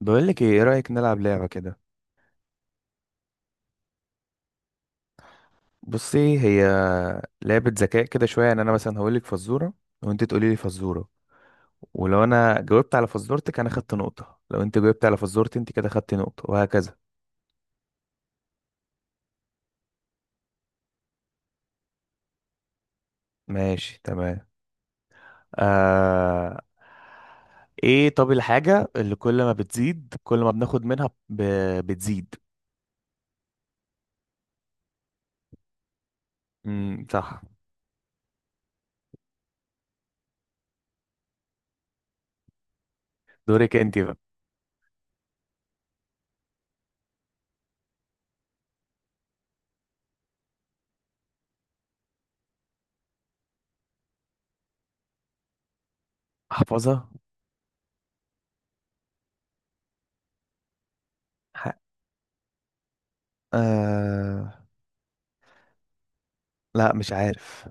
بقولك ايه. إيه رأيك نلعب لعبة كده؟ بصي، هي لعبة ذكاء كده شوية، يعني انا مثلا هقولك فزورة وانت تقولي لي فزورة. ولو انا جاوبت على فزورتك انا خدت نقطة، لو انت جاوبت على فزورتي انت كده خدت نقطة، وهكذا. ماشي تمام. آه... ايه، طب الحاجة اللي كل ما بتزيد كل ما بناخد منها بتزيد. صح. دورك انت بقى. احفظها. ح... آه... لا مش عارف.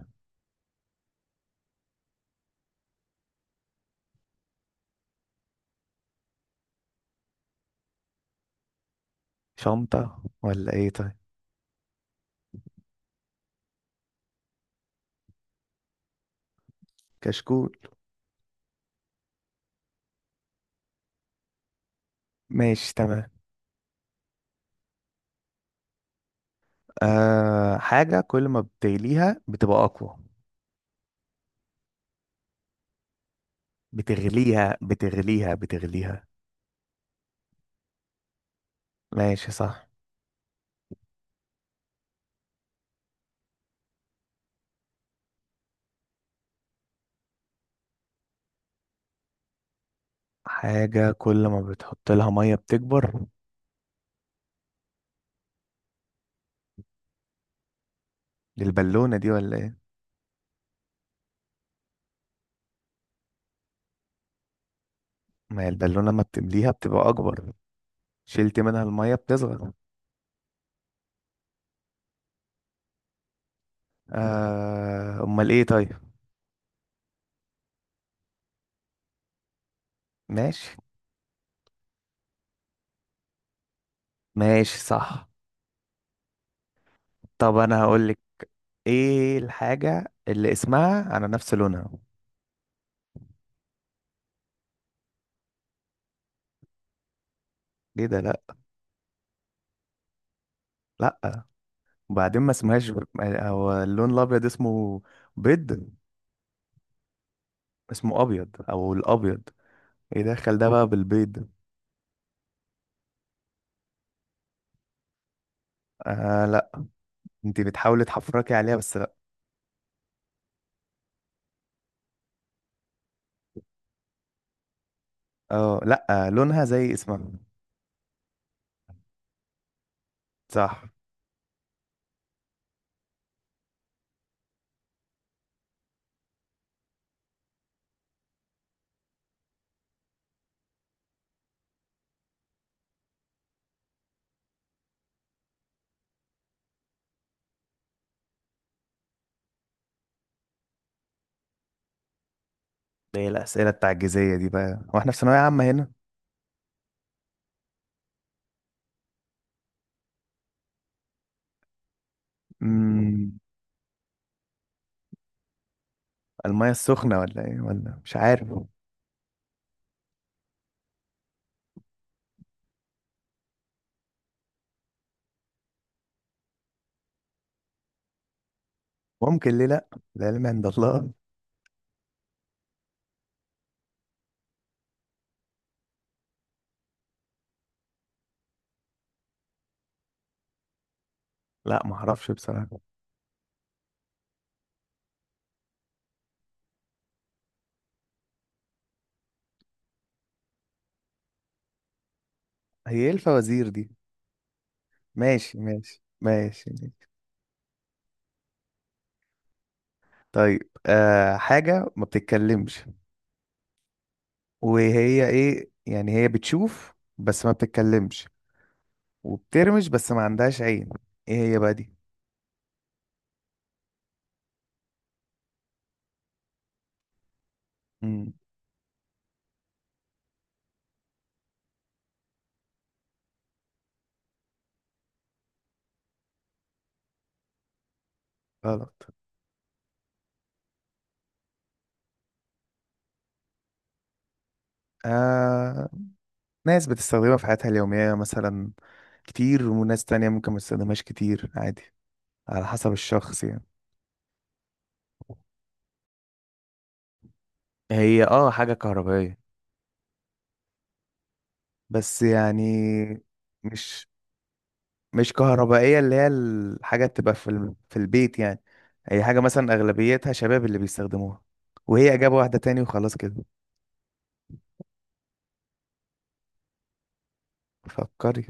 شنطة ولا ايه؟ طيب، كشكول. ماشي تمام. أه، حاجة كل ما بتغليها بتبقى أقوى. بتغليها بتغليها بتغليها. ماشي صح. حاجة كل ما بتحط لها مية بتكبر. دي البالونة دي ولا ايه؟ ما هي البالونة لما بتمليها بتبقى أكبر، شلت منها المية بتصغر. آه، أمال ايه طيب؟ ماشي ماشي صح. طب أنا هقولك، ايه الحاجة اللي اسمها على نفس لونها؟ ايه ده؟ لأ. لأ، وبعدين ما اسمهاش هو اللون الأبيض اسمه بيض. اسمه ابيض او الابيض، يدخل ده بقى بالبيض. آه لا، انت بتحاولي تحفركي عليها بس لا. اه لا، آه لونها زي اسمها. صح. ده هي الاسئله التعجيزيه دي بقى؟ هو احنا في ثانويه عامه هنا؟ امم الميه السخنه ولا ايه؟ ولا مش عارف، ممكن ليه لا. العلم عند الله. لا ما اعرفش بصراحه. هي ايه الفوازير دي؟ ماشي ماشي ماشي. طيب آه، حاجه ما بتتكلمش. وهي ايه يعني، هي بتشوف بس ما بتتكلمش، وبترمش بس ما عندهاش عين. ايه هي بقى دي؟ مم. غلط. آه... ناس بتستخدمها في حياتها اليومية مثلا كتير، وناس تانية ممكن ما تستخدمهاش كتير، عادي، على حسب الشخص يعني. هي اه حاجة كهربائية بس يعني، مش مش كهربائية اللي هي الحاجة تبقى في في البيت يعني. هي حاجة مثلا أغلبيتها شباب اللي بيستخدموها. وهي إجابة واحدة تاني وخلاص كده. فكري.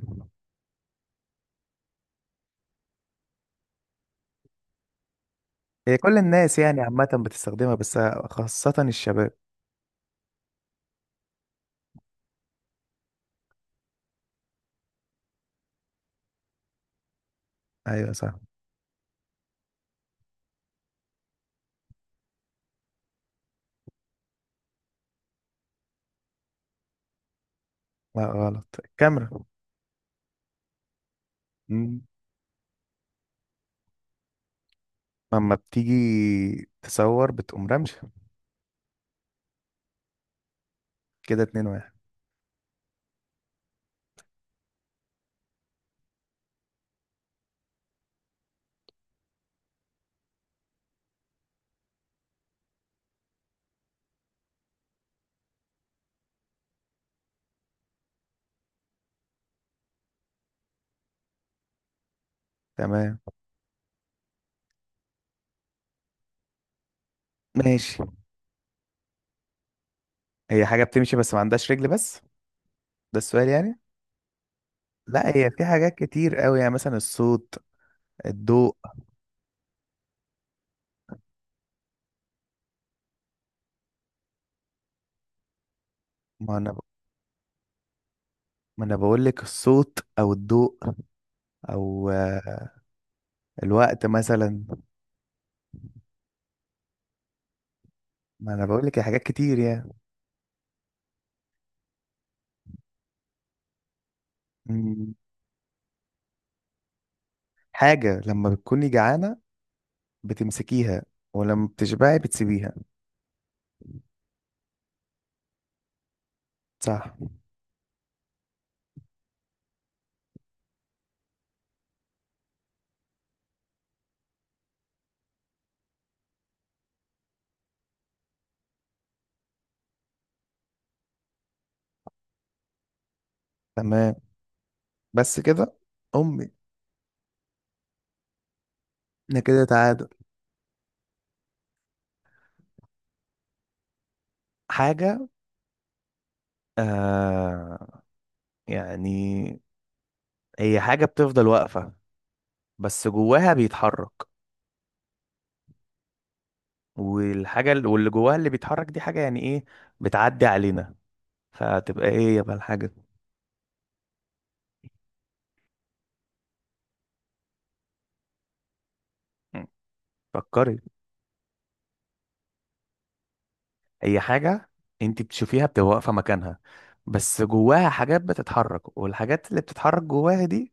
هي كل الناس يعني عامة بتستخدمها، بس خاصة الشباب. أيوة صح. لا غلط، الكاميرا. مم. لما بتيجي تصور بتقوم رمشة. كده 2-1. تمام ماشي. هي حاجة بتمشي بس ما عندهاش رجل بس، ده السؤال يعني. لا، هي في حاجات كتير قوي، يعني مثلا الصوت، الضوء. ما انا ما انا بقول لك الصوت او الضوء او الوقت مثلا. ما انا بقول لك حاجات كتير يعني. مم. حاجة لما بتكوني جعانة بتمسكيها، ولما بتشبعي بتسيبيها. صح. تمام، بس كده؟ امي. احنا كده تعادل. حاجة، آه، يعني، هي حاجة بتفضل واقفة بس جواها بيتحرك. والحاجة واللي جواها اللي بيتحرك دي حاجة يعني ايه، بتعدي علينا. فتبقى ايه، يبقى الحاجة؟ مم. فكري. هي حاجة انت بتشوفيها بتبقى واقفة مكانها، بس جواها حاجات بتتحرك. والحاجات اللي بتتحرك جواها دي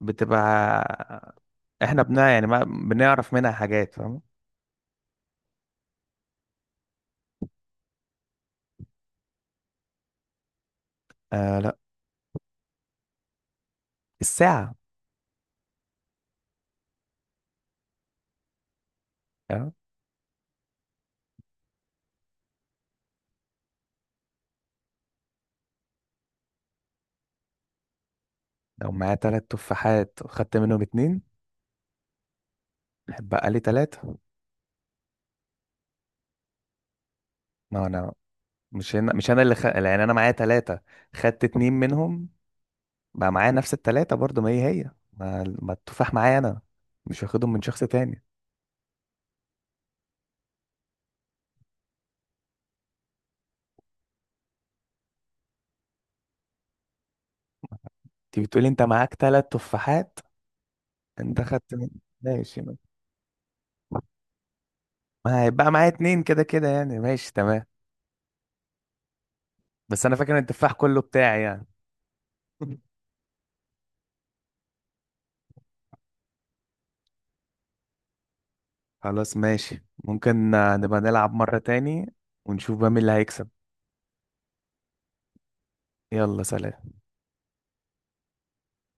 بتبقى احنا بنا يعني ما بنعرف منها حاجات، فاهم؟ آه لا، الساعة. آه، لو معايا تلات تفاحات وخدت منهم اتنين بقى لي ثلاثة. ما هو انا مش هنا، مش انا اللي يعني انا معايا ثلاثة، خدت اتنين منهم، بقى معايا نفس الثلاثة برضو، ما هي هي، ما التفاح معايا انا، مش واخدهم من شخص تاني. انت بتقولي انت معاك ثلاث تفاحات، انت خدت من. ماشي، ما هيبقى معايا اتنين كده كده يعني، ماشي تمام. بس انا فاكر ان التفاح كله بتاعي يعني. خلاص ماشي، ممكن آه، نبقى نلعب مرة تاني ونشوف بقى مين اللي هيكسب. يلا سلام.